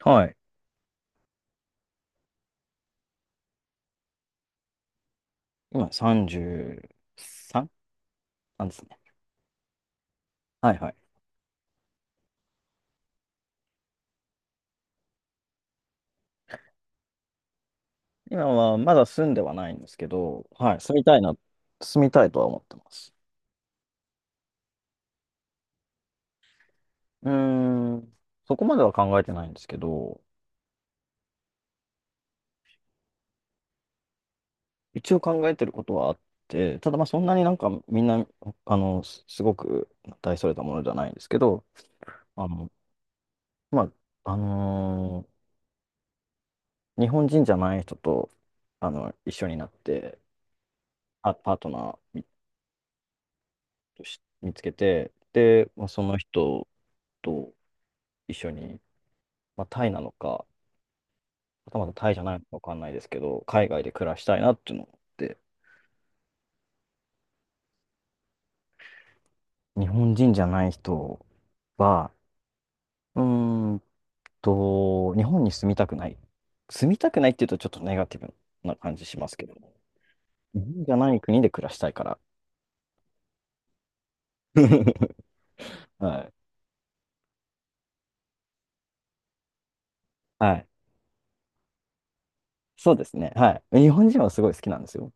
はい。今 33 なんですね。はいはい。今はまだ住んではないんですけど、はい、住みたいとは思ってます。うーん、そこまでは考えてないんですけど、一応考えてることはあって、ただまあそんなになんかみんな、すごく大それたものじゃないんですけど、あの、まあ、あのー日本人じゃない人と、一緒になって、パートナー見つけて、で、まあ、その人と、一緒に、まあ、タイなのか、はたまたタイじゃないのかわかんないですけど、海外で暮らしたいなっていうのを思って、日本人じゃない人は、うーん日本に住みたくない。住みたくないっていうとちょっとネガティブな感じしますけど、日本じゃない国で暮らしたいから。はい。はい。そうですね。はい。日本人はすごい好きなんですよ。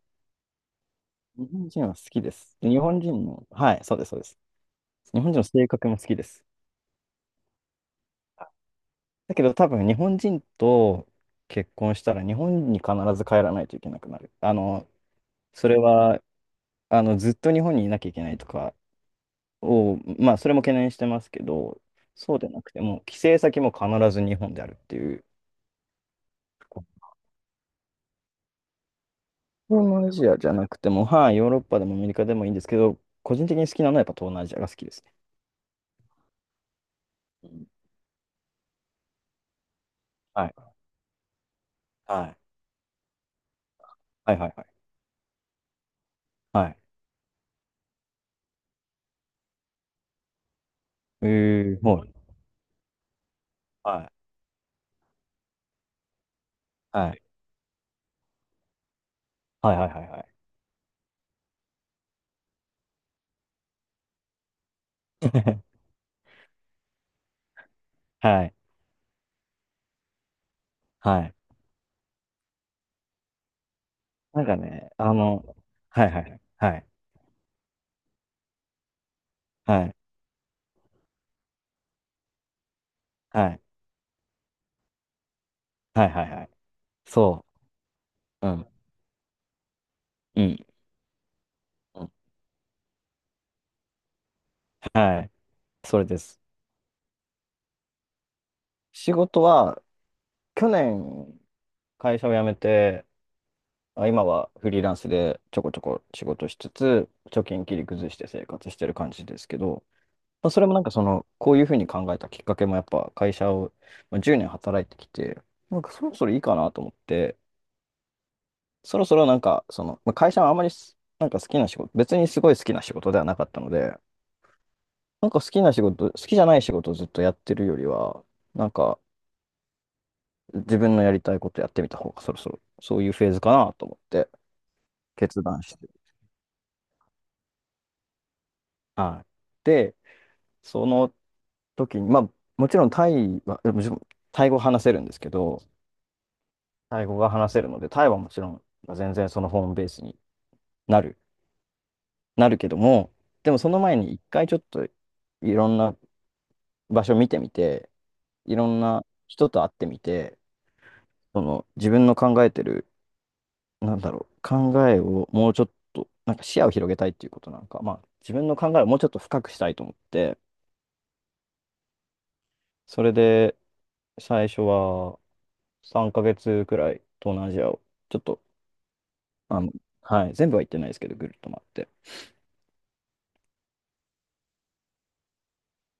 日本人は好きです。日本人の、はい、そうです、そうです。日本人の性格も好きです。だけど多分日本人と結婚したら日本に必ず帰らないといけなくなる。それは、ずっと日本にいなきゃいけないとかを、まあ、それも懸念してますけど、そうでなくても、帰省先も必ず日本であるっていう、東南アジアじゃなくても、はい、ヨーロッパでもアメリカでもいいんですけど、個人的に好きなのはやっぱ東南アジアが好きですね。うんはい。はい。はいはいはい。はい。えー、はい。はい。はい。はいはいはいはい。はい。はい。なんかね、あの、はいはい、はい、はい、はい、はい、はい、はい、そう、うん、うん、うんはい、それです。仕事は、去年、会社を辞めて、今はフリーランスでちょこちょこ仕事しつつ、貯金切り崩して生活してる感じですけど、まあ、それもなんかその、こういうふうに考えたきっかけもやっぱ会社を、まあ、10年働いてきて、なんかそろそろいいかなと思って、そろそろなんか、その、まあ、会社はあんまりなんか好きな仕事、別にすごい好きな仕事ではなかったので、なんか好きな仕事、好きじゃない仕事をずっとやってるよりは、なんか自分のやりたいことやってみた方がそろそろそういうフェーズかなと思って決断して。はい。で、その時に、まあもちろんタイ語話せるんですけど、タイ語が話せるので、タイはもちろんまあ全然そのホームベースになる、なるけども、でもその前に一回ちょっといろんな場所見てみて、いろんな人と会ってみて、その自分の考えてる、なんだろう、考えをもうちょっと、なんか視野を広げたいっていうことなんか、まあ自分の考えをもうちょっと深くしたいと思って、それで最初は3ヶ月くらい東南アジアをちょっと、あの、はい、全部は行ってないですけど、ぐるっと回って。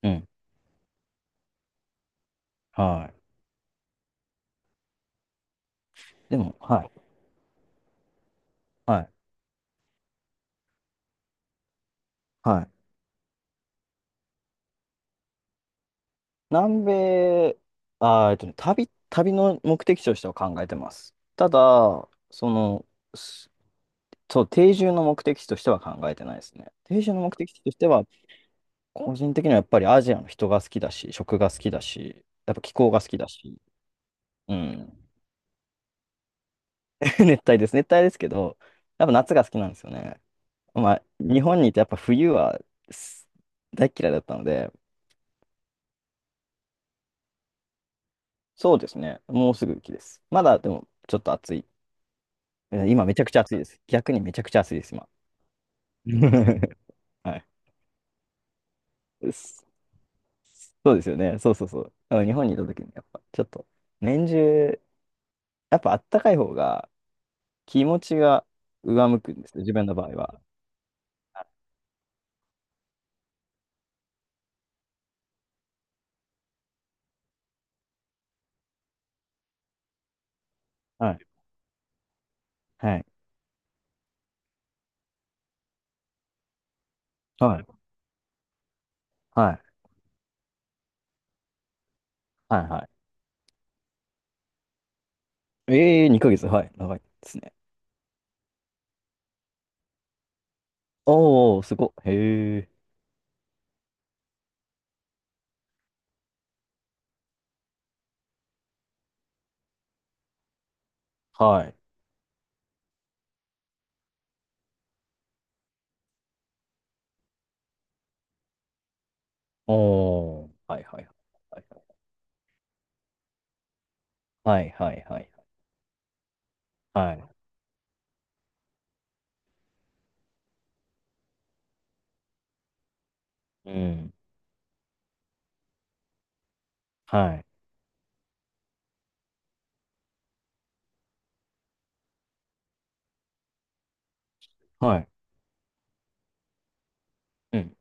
うん。はい。でも、はい、はい、はい。南米、旅の目的地としては考えてます。ただ、その、すそう、定住の目的地としては考えてないですね。定住の目的地としては、個人的にはやっぱりアジアの人が好きだし、食が好きだし、やっぱ気候が好きだし、うん。熱帯です。熱帯ですけど、やっぱ夏が好きなんですよね。まあ、日本にいてやっぱ冬はす大っ嫌いだったので、そうですね。もうすぐ雪です。まだでもちょっと暑い。今めちゃくちゃ暑いです。逆にめちゃくちゃ暑いです、今。はい。そそうですよね。そうそうそう。だから日本にいた時にやっぱちょっと年中やっぱあったかい方が気持ちが上向くんですよ、自分の場合は。はい。はい。はい。はい。はい。はい。ええー、ヶ月。はい。長いですね。おー、すごい。へえ。はい。おー。はい。はい。はい。はい。はい。はい。はいうん。はい。はい。うん。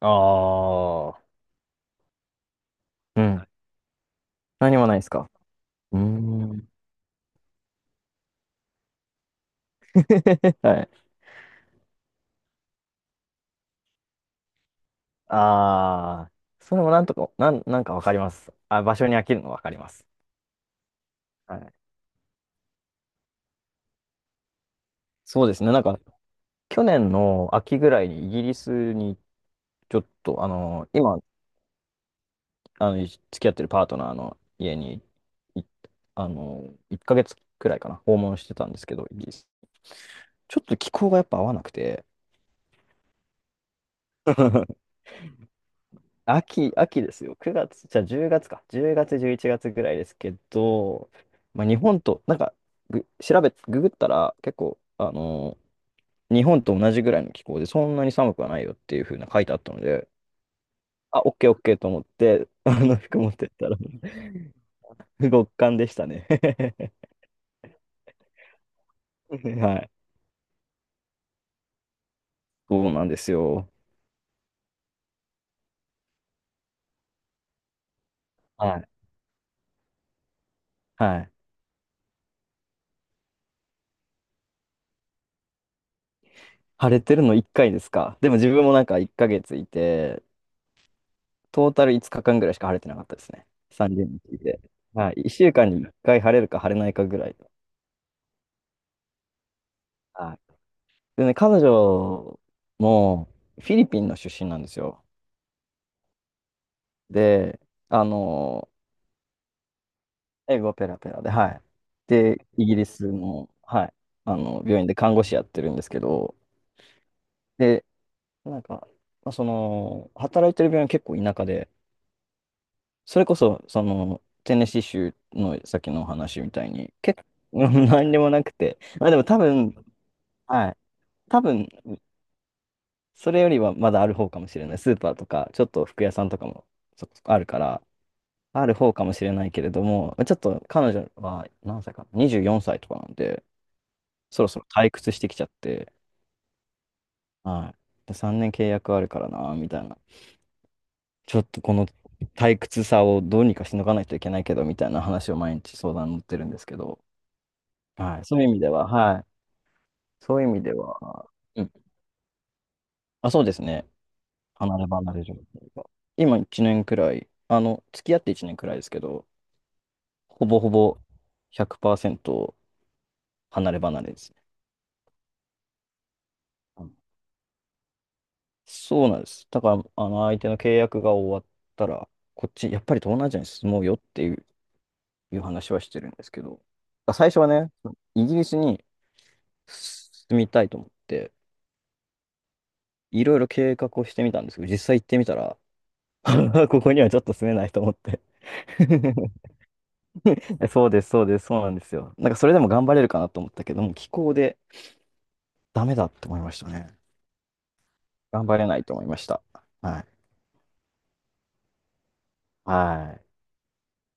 ああ。うん。何もないですか？うーん。はい。ああ。それもなんとか、なんかわかります。あ、場所に飽きるのわかります。はい。そうですね。なんか、去年の秋ぐらいにイギリスにちょっと、今、付き合ってるパートナーの家に、いあの、1ヶ月くらいかな、訪問してたんですけど、イギリス。ちょっと気候がやっぱ合わなくて、秋ですよ。9月、じゃあ10月か。10月、11月ぐらいですけど、まあ、日本と、なんか、ぐ調べ、ググったら結構、日本と同じぐらいの気候で、そんなに寒くはないよっていう風な書いてあったので、オッケーオッケーと思って、あの服持ってったら、極寒でしたね。はい。そうなんですよ。はい。はい。晴れてるの1回ですか。でも自分もなんか1ヶ月いて、トータル5日間ぐらいしか晴れてなかったですね。30日いて。はい。1週間に1回晴れるか晴れないかぐらい。はい。でね、彼女もフィリピンの出身なんですよ。で、あの英語ペラペラで、はい。で、イギリスの、はい、病院で看護師やってるんですけど、で、なんか、まあその、働いてる病院結構田舎で、それこそ、その、テネシー州のさっきのお話みたいに、結構、何でもなくて、まあでも多分、はい、多分、それよりはまだある方かもしれない。スーパーとか、ちょっと服屋さんとかもちょっとあるから、ある方かもしれないけれども、ちょっと彼女は何歳かな、24歳とかなんで、そろそろ退屈してきちゃって、はい。3年契約あるからな、みたいな。ちょっとこの退屈さをどうにかしのがないといけないけど、みたいな話を毎日相談に乗ってるんですけど、はい。そういう意味では、はい。そういう意味では、うん。あ、そうですね。離れ離れ状態が。今1年くらい、付き合って1年くらいですけど、ほぼほぼ100%離れ離れですね。うんそうなんです。だから、相手の契約が終わったら、こっち、やっぱり東南アジアに進もうよっていう話はしてるんですけど、最初はね、イギリスに住みたいと思って、いろいろ計画をしてみたんですけど、実際行ってみたら、ここにはちょっと住めないと思って そうです、そうです、そうなんですよ。なんかそれでも頑張れるかなと思ったけども、気候でダメだって思いましたね。頑張れないと思いました。はい。はい。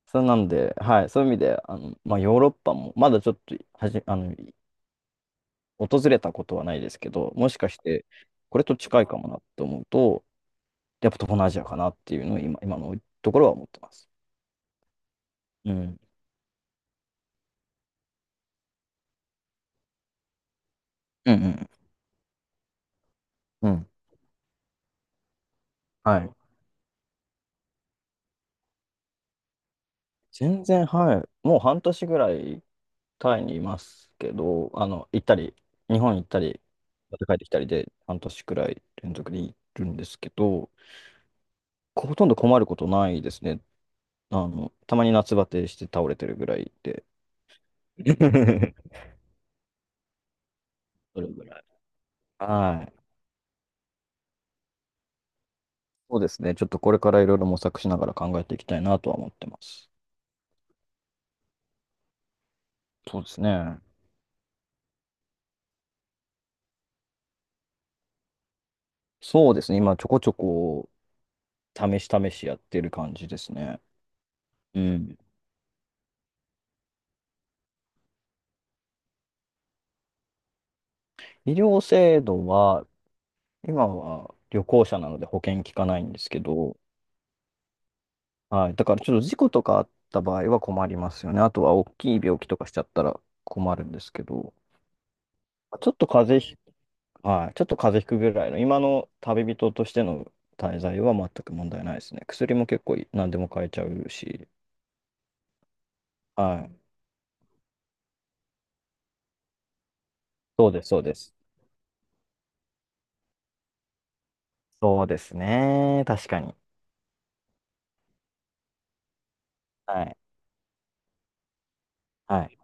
そうなんで、はい、そういう意味で、まあ、ヨーロッパも、まだちょっとはじ、あの、訪れたことはないですけど、もしかして、これと近いかもなって思うと、やっぱ東南アジアかなっていうのを今のところは思ってます。うん。うんうん。うん。はい。全然、はい。もう半年ぐらいタイにいますけど、行ったり、日本行ったり、また帰ってきたりで、半年くらい連続でいるんですけど、ほとんど困ることないですね。たまに夏バテして倒れてるぐらいで。それぐらい。はい。そうですね。ちょっとこれからいろいろ模索しながら考えていきたいなとは思ってます。そうですね。そうですね。今、ちょこちょこ、試し試しやってる感じですね。うん。医療制度は、今は旅行者なので保険効かないんですけど、はい。だからちょっと事故とかあった場合は困りますよね。あとは大きい病気とかしちゃったら困るんですけど、ちょっと風邪ひ、はい。ちょっと風邪ひくぐらいの、今の旅人としての滞在は全く問題ないですね。薬も結構何でも買えちゃうし、はい。そうです、そうです。そうですね。確かに。はい。はい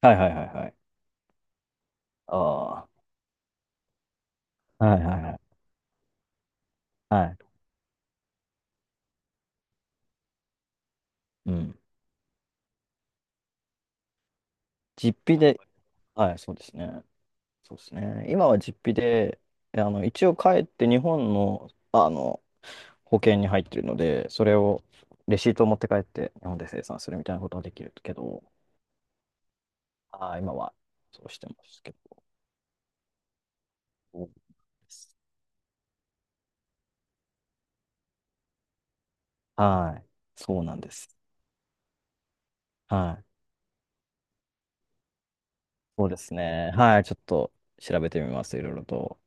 はいはいはいはい。ああはいはいはい。はい。うん。実費で、はい、そうですね。そうですね。今は実費で、一応帰って日本の、保険に入ってるので、それを、レシートを持って帰って日本で生産するみたいなことはできるけど、ああ、今はそうしてますけど。そうですはい。そうなんです。はい。そうですね。はい。ちょっと調べてみます。いろいろと。